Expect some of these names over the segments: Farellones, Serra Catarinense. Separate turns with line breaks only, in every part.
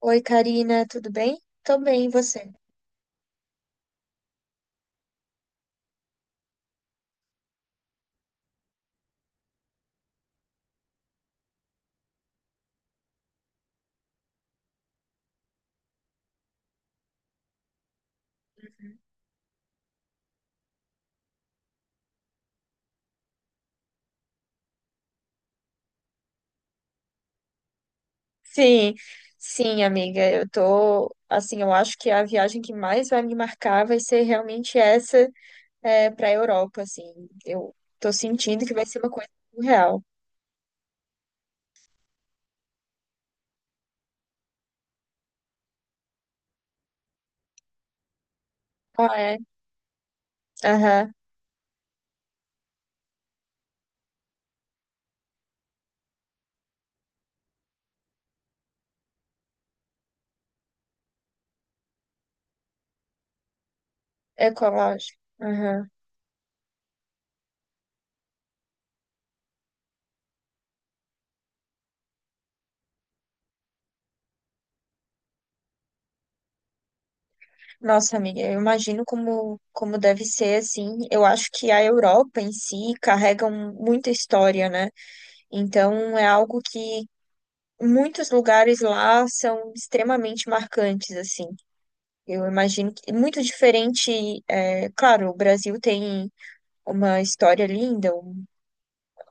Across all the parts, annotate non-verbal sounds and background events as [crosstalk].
Oi, Karina, tudo bem? Tô bem, e você? Sim, sim, amiga, eu tô, assim, eu acho que a viagem que mais vai me marcar vai ser realmente essa é, para a Europa, assim. Eu tô sentindo que vai ser uma coisa surreal. Ah, é? Aham. Ecológico. Aham. Nossa, amiga, eu imagino como, como deve ser, assim. Eu acho que a Europa em si carrega muita história, né? Então é algo que muitos lugares lá são extremamente marcantes, assim. Eu imagino que é muito diferente. É, claro, o Brasil tem uma história linda, um,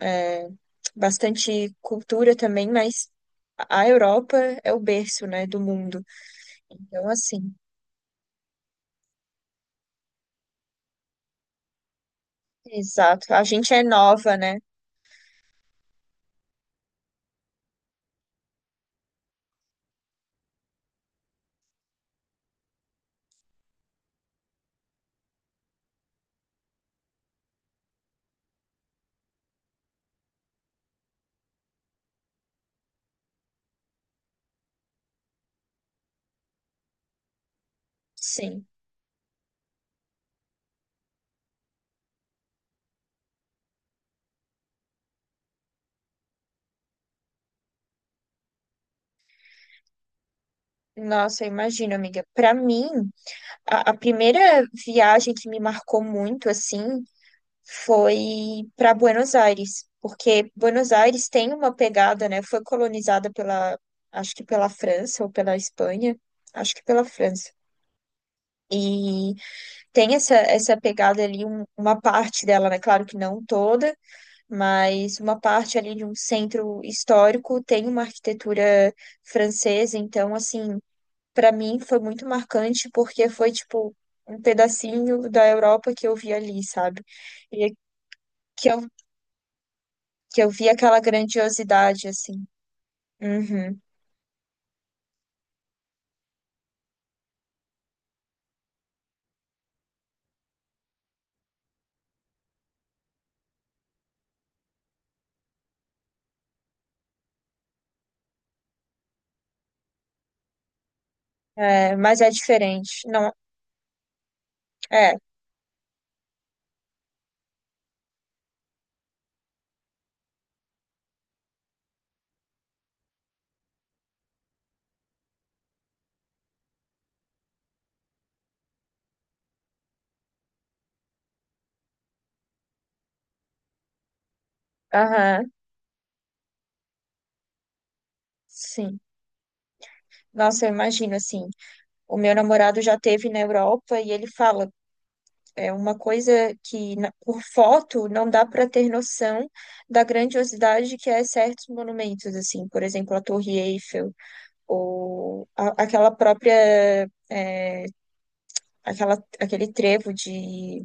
é, bastante cultura também, mas a Europa é o berço, né, do mundo. Então, assim, exato. A gente é nova, né? Sim. Nossa, eu imagino, amiga. Para mim, a primeira viagem que me marcou muito, assim, foi para Buenos Aires, porque Buenos Aires tem uma pegada, né? Foi colonizada acho que pela França ou pela Espanha, acho que pela França. E tem essa pegada ali, uma parte dela, né? Claro que não toda, mas uma parte ali de um centro histórico tem uma arquitetura francesa. Então, assim, para mim foi muito marcante porque foi tipo um pedacinho da Europa que eu vi ali, sabe? E que eu que eu vi aquela grandiosidade, assim. Uhum. É, mas é diferente. Não, é. Aham. Sim. Nossa, eu imagino, assim, o meu namorado já teve na Europa e ele fala, é uma coisa que por foto não dá para ter noção da grandiosidade que é certos monumentos, assim, por exemplo, a Torre Eiffel ou aquela própria, é, aquele trevo de,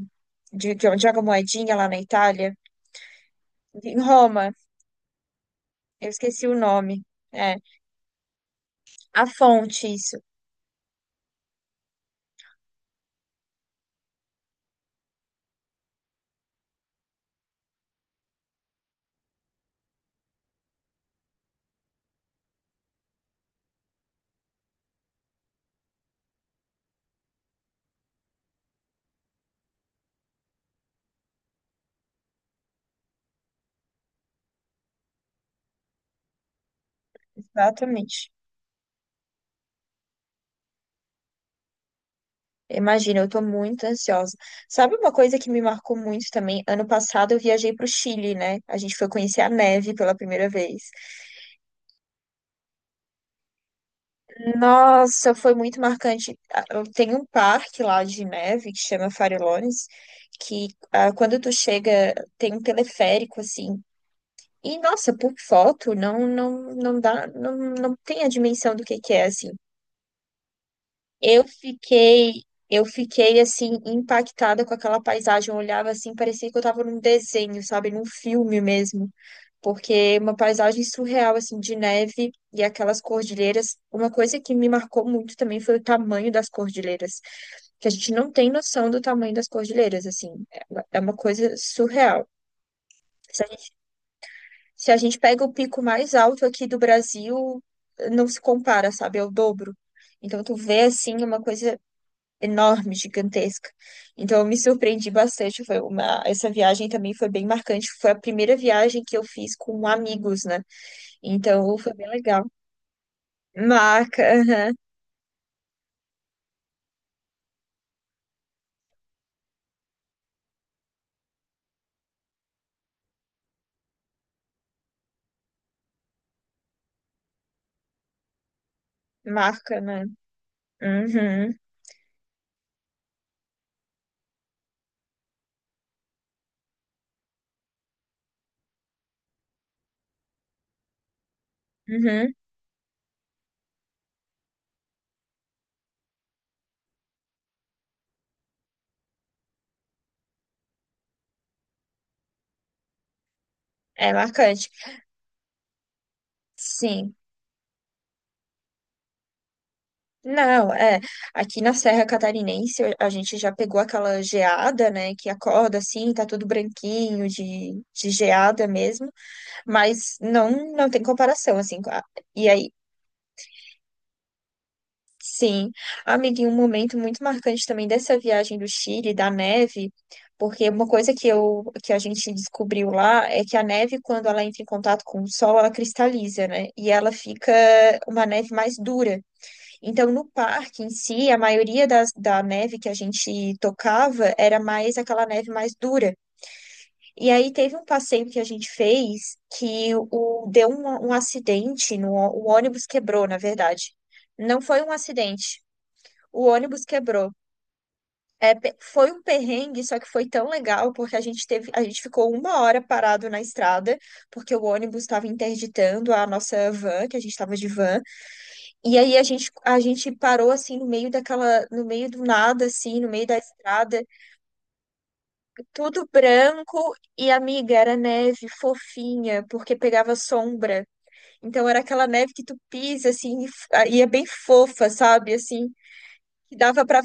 de, de onde joga a moedinha lá na Itália, em Roma. Eu esqueci o nome. É, a fonte, isso, exatamente. Imagina, eu tô muito ansiosa. Sabe uma coisa que me marcou muito também? Ano passado eu viajei pro Chile, né? A gente foi conhecer a neve pela primeira vez. Nossa, foi muito marcante. Ah, tem um parque lá de neve que chama Farellones, que ah, quando tu chega tem um teleférico assim. E nossa, por foto não, não, não dá, não, não tem a dimensão do que é assim. Eu fiquei, eu fiquei assim impactada com aquela paisagem. Eu olhava assim, parecia que eu estava num desenho, sabe, num filme mesmo, porque é uma paisagem surreal assim de neve e aquelas cordilheiras. Uma coisa que me marcou muito também foi o tamanho das cordilheiras, que a gente não tem noção do tamanho das cordilheiras, assim, é uma coisa surreal. Se a gente, se a gente pega o pico mais alto aqui do Brasil, não se compara, sabe, é o dobro. Então, tu vê, assim, uma coisa enorme, gigantesca. Então eu me surpreendi bastante. Foi uma... Essa viagem também foi bem marcante. Foi a primeira viagem que eu fiz com amigos, né? Então foi bem legal. Marca, aham. Marca, né? Uhum, uhum. É marcante. Sim. Não, é. Aqui na Serra Catarinense a gente já pegou aquela geada, né? Que acorda assim, tá tudo branquinho de geada mesmo. Mas não, não tem comparação, assim, e aí, sim, amiga, e um momento muito marcante também dessa viagem do Chile, da neve, porque uma coisa que eu, que a gente descobriu lá é que a neve, quando ela entra em contato com o sol, ela cristaliza, né? E ela fica uma neve mais dura. Então, no parque em si, a maioria da neve que a gente tocava era mais aquela neve mais dura. E aí teve um passeio que a gente fez que deu um acidente, no, o ônibus quebrou, na verdade. Não foi um acidente, o ônibus quebrou. É, foi um perrengue, só que foi tão legal, porque a gente teve, a gente ficou 1 hora parado na estrada, porque o ônibus estava interditando a nossa van, que a gente estava de van, e aí a gente parou assim no meio daquela, no meio do nada, assim, no meio da estrada, tudo branco, e amiga, era neve fofinha, porque pegava sombra. Então era aquela neve que tu pisa, assim, e e é bem fofa, sabe? Assim, que dava para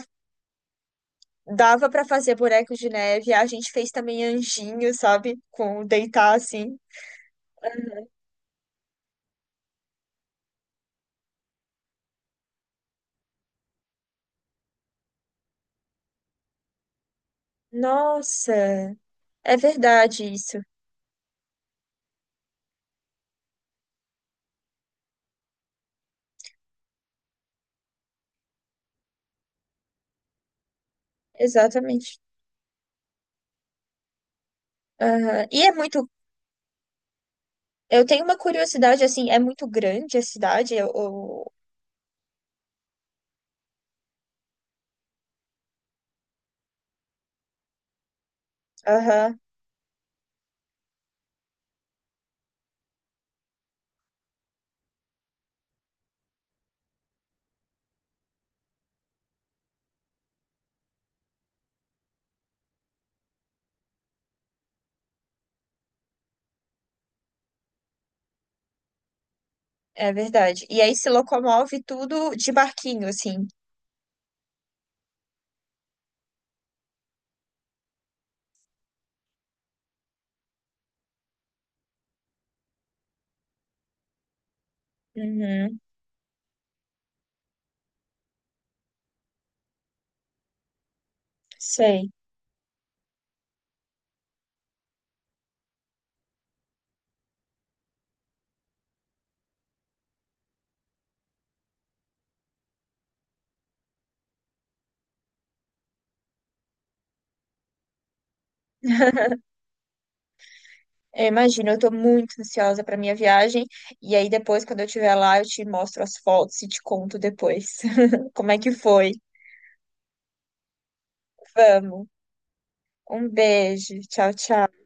dava pra fazer bonecos de neve. A gente fez também anjinho, sabe? Com deitar assim. Nossa, é verdade isso. Exatamente. Aham. E é muito. Eu tenho uma curiosidade, assim, é muito grande a cidade. Aham, é verdade. E aí se locomove tudo de barquinho, assim. Uhum, sei. [laughs] Eu imagino, eu tô muito ansiosa pra minha viagem. E aí depois, quando eu estiver lá, eu te mostro as fotos e te conto depois [laughs] como é que foi. Vamos. Um beijo. Tchau, tchau.